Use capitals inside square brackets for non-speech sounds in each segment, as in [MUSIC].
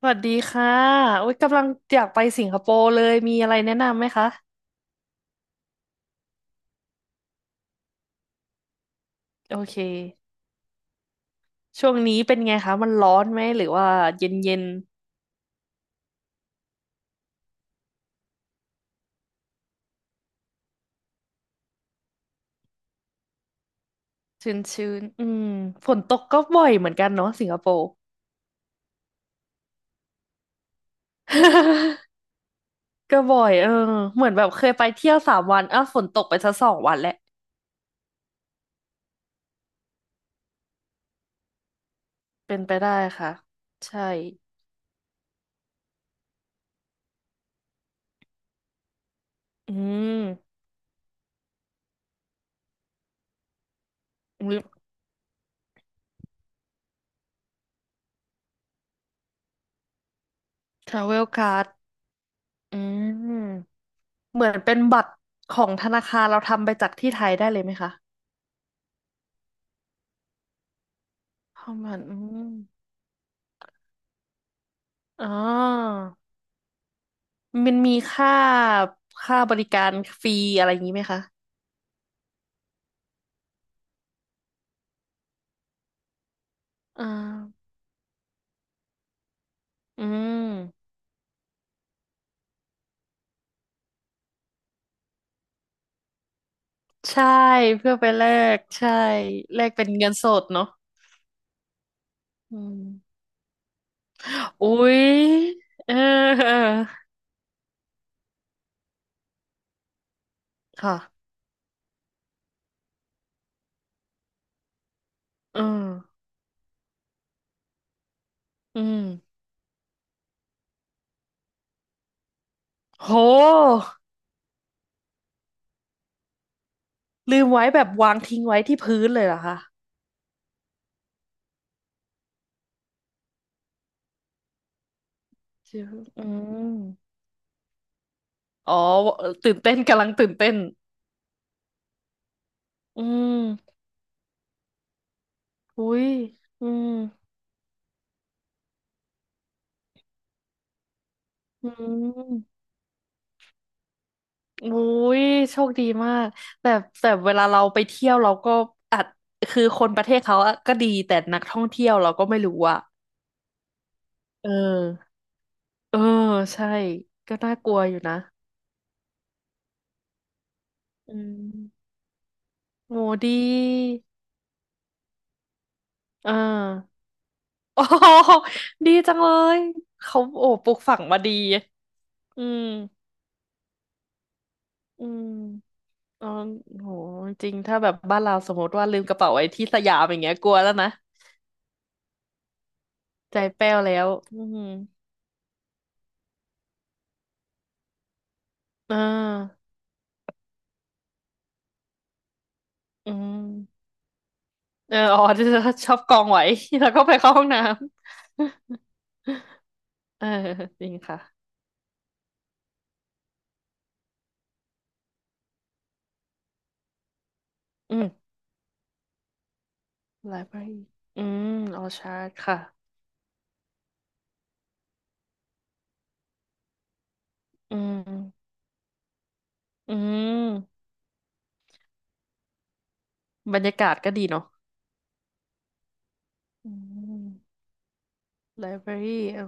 สวัสดีค่ะโอ๊ยกำลังอยากไปสิงคโปร์เลย มีอะไรแนะนำไหมคะ โอเค ช่วงนี้เป็นไงคะ มันร้อนไหม หรือว่าเย็นเย็นชื้นชื้นๆอืมฝนตกก็บ่อยเหมือนกันเนาะสิงคโปร์ [LAUGHS] ก็บ่อยเออเหมือนแบบเคยไปเที่ยวสามวันอ้าวฝนตกไปซะสองวันแหละ เป็นไปได้ค่ะ ใช่ อืมทราเวลการ์ดอืมเหมือนเป็นบัตรของธนาคารเราทำไปจากที่ไทยได้เลยไหมคะเข้ามาอืม อ๋อมันมีค่าค่าบริการฟรีอะไรอย่างนี้ไหมคะอ่าอืมใช่เพื่อไปแลกใช่แลกเป็นเงินสดเนาะอืมอุ๊ยเออเออค่ะอืมอืมโหลืมไว้แบบวางทิ้งไว้ที่พื้นเลยเหรอคะจิวอืมอ๋อตื่นเต้นกำลังตื่นเต้นอืมอุ๊ยอืมอืม อุ้ยโชคดีมากแต่แต่เวลาเราไปเที่ยวเราก็อาจคือคนประเทศเขาอะก็ดีแต่นักท่องเที่ยวเราก็ไม่รู้อะเออเออใช่ก็น่ากลัวอยู่นะอืมโหดีอ่า [LAUGHS] โอ้โหดีจังเลยเขาโอ้ปลูกฝังมาดีอืมอืมอ๋อโหจริงถ้าแบบบ้านเราสมมติว่าลืมกระเป๋าไว้ที่สยามอย่างเงี้ยกลัวแล้วนะใจแป้วแล้วอืมอ่าอืม เอออ๋อจะชอบกองไว้ [LAUGHS] แล้วก็ไปเข้าห้องน้ำ [LAUGHS] เออจริงค่ะอืม library อืมออชาร์ดค่ะอืมอืมบรรยากาศก็ดีเนาะอืม library อ๋อ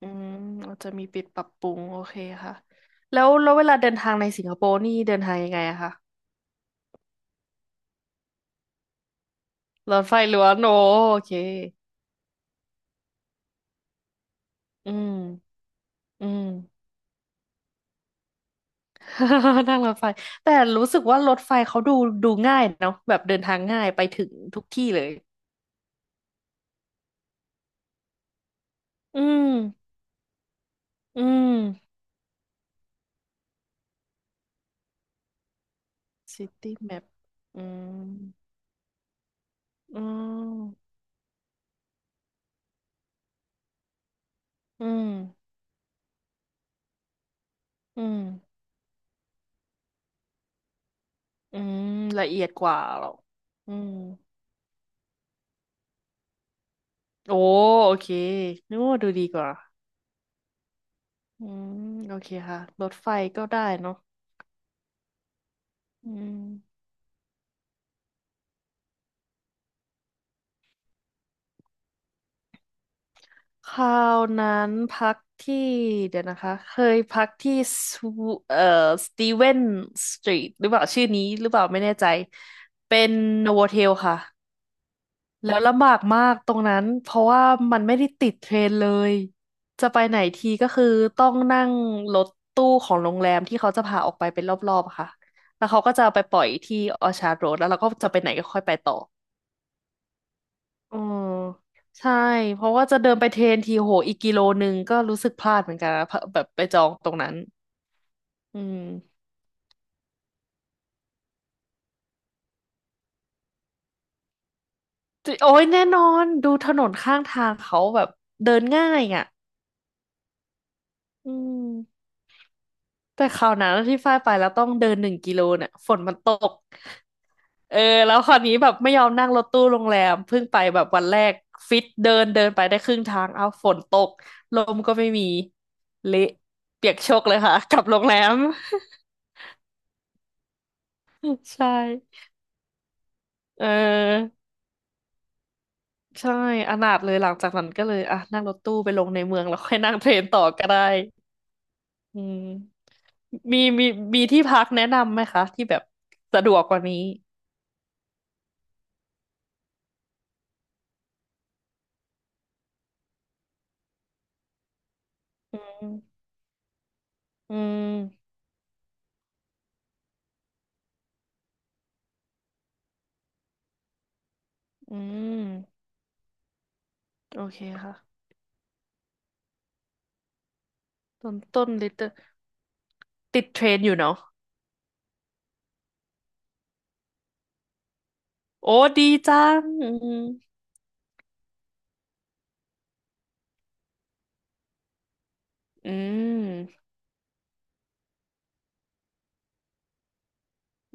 อืมเราจะมีปิดปรับปรุงโอเคค่ะแล้วเวลาเดินทางในสิงคโปร์นี่เดินทางยังไงอะคะรถไฟหรือว่โนโอเคอืมอืม [LAUGHS] นั่งรถไฟแต่รู้สึกว่ารถไฟเขาดูดูง่ายเนาะแบบเดินทางง่ายไปถึงทุกที่เลยอืมอืมซิตี้แมปอืมอืมอืมอืมอืมละเอียดกว่าเหรออืมโอ้โอเคนึกว่าดูดีกว่าอืมโอเคค่ะรถไฟก็ได้เนาะอืม คราวนั้นพักที่เดี๋ยวนะคะเคยพักที่สวเอ่อสตีเวนสตรีทหรือเปล่าชื่อนี้หรือเปล่าไม่แน่ใจเป็นโนโวเทลค่ะแล้วลำบากมากตรงนั้นเพราะว่ามันไม่ได้ติดเทรนเลยจะไปไหนทีก็คือต้องนั่งรถตู้ของโรงแรมที่เขาจะพาออกไปเป็นรอบๆอะค่ะแล้วเขาก็จะเอาไปปล่อยที่ออชาร์ดโรดแล้วเราก็จะไปไหนก็ค่อยไปต่อ อ๋อใช่เพราะว่าจะเดินไปเทรนทีโหอีกกิโลนึงก็รู้สึกพลาดเหมือนกันนะเพราะแบบไปจองตรงนั้นอืมจิโอ้ยแน่นอนดูถนนข้างทางเขาแบบเดินง่ายอ่ะอืมแต่คราวนั้นที่ฝ้ายไปแล้วต้องเดินหนึ่งกิโลเนี่ยฝนมันตกเออแล้วคราวนี้แบบไม่ยอมนั่งรถตู้โรงแรมเพิ่งไปแบบวันแรกฟิตเดินเดินไปได้ครึ่งทางเอาฝนตกลมก็ไม่มีเละเปียกโชกเลยค่ะกลับโรงแรม [LAUGHS] ใช่ เออใช่อนาถเลยหลังจากนั้นก็เลยอ่ะนั่งรถตู้ไปลงในเมืองแล้ว [LAUGHS] ค่อยนั่งเทรนต่อก็ได้อืมมีมีที่พักแนะนำไหมคะที่แบบสะดวกกว่านี้ อืมอืมอืมโอเคค่ะต้นต้นลิตเตอร์ติดเทรนอยู่เนาะโอ้ดีจังอืมอืม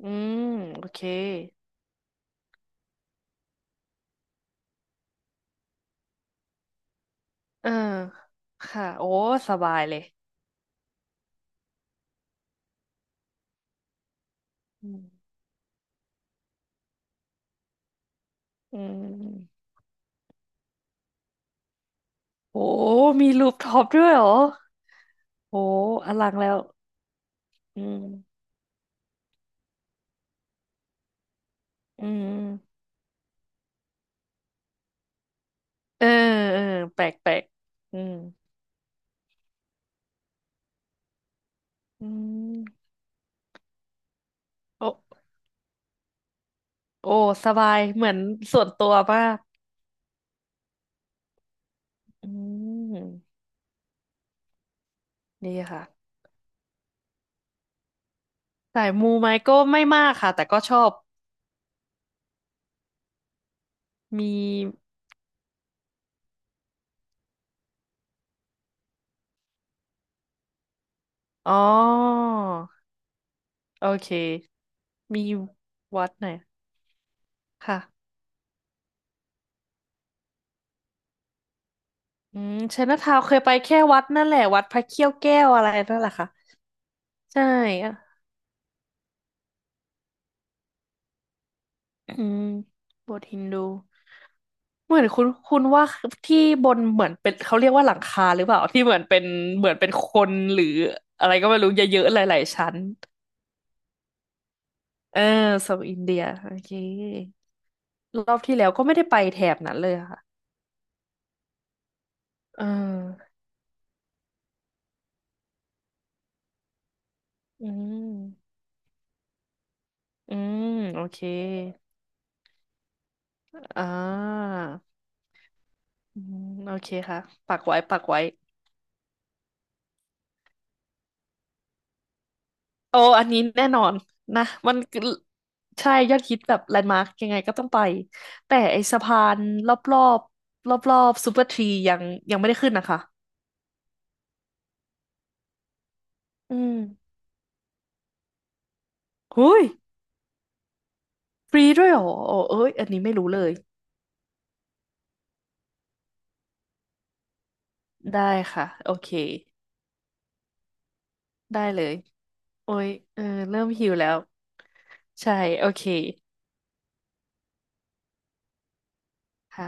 อืมโอเคเออค่ะโอ้สบายเลยอืมอืมโอ้มีลูปท็อปด้วยเหรอ โหอลังแล้วอืมอืมเออเออแปลกแปลกอืมอืมโอโอ้สบายเหมือนส่วนตัวมากอืมดีค่ะสายมูไหมก็ไม่มากค่ะแต่ก็ชอบมีอ๋อโอเคมีวัดไหนค่ะอืมไชน่าทาวน์เคยไปแค่วัดนั่นแหละวัดพระเขี้ยวแก้วอะไรนั่นแหละค่ะใช่อ่ะอืมโบสถ์ฮินดู เหมือนคุณคุณว่าที่บนเหมือนเป็นเขาเรียกว่าหลังคาหรือเปล่าที่เหมือนเป็นเหมือนเป็นคนหรืออะไรก็ไม่รู้เยอะๆหลายๆชั้นเออเซาท์อินเดียโอเครอบที่แล้วก็ไม่ได้ไปแถบนั้นเลยอะค่ะเอออืมอืมโอเคอ่าอืมโอเคค่ะปักไว้ปักไว้ โอ้อันนี้แน่นอนนะ มันคือใช่ ยอดฮิตแบบแลนด์มาร์กยังไงก็ต้องไป แต่ไอ้สะพานรอบรอบรอบรอบซูเปอร์ทรียังยังไม่ได้ขึ้นนะคะอืมหุ้ยฟรีด้วยเหรอโอ้เอ้ยอันนี้ไม่รู้เลย ได้ค่ะ โอเค ได้เลยโอ้ย เออ เริ่มหิวแล้ว ใช่ โอเคค่ะ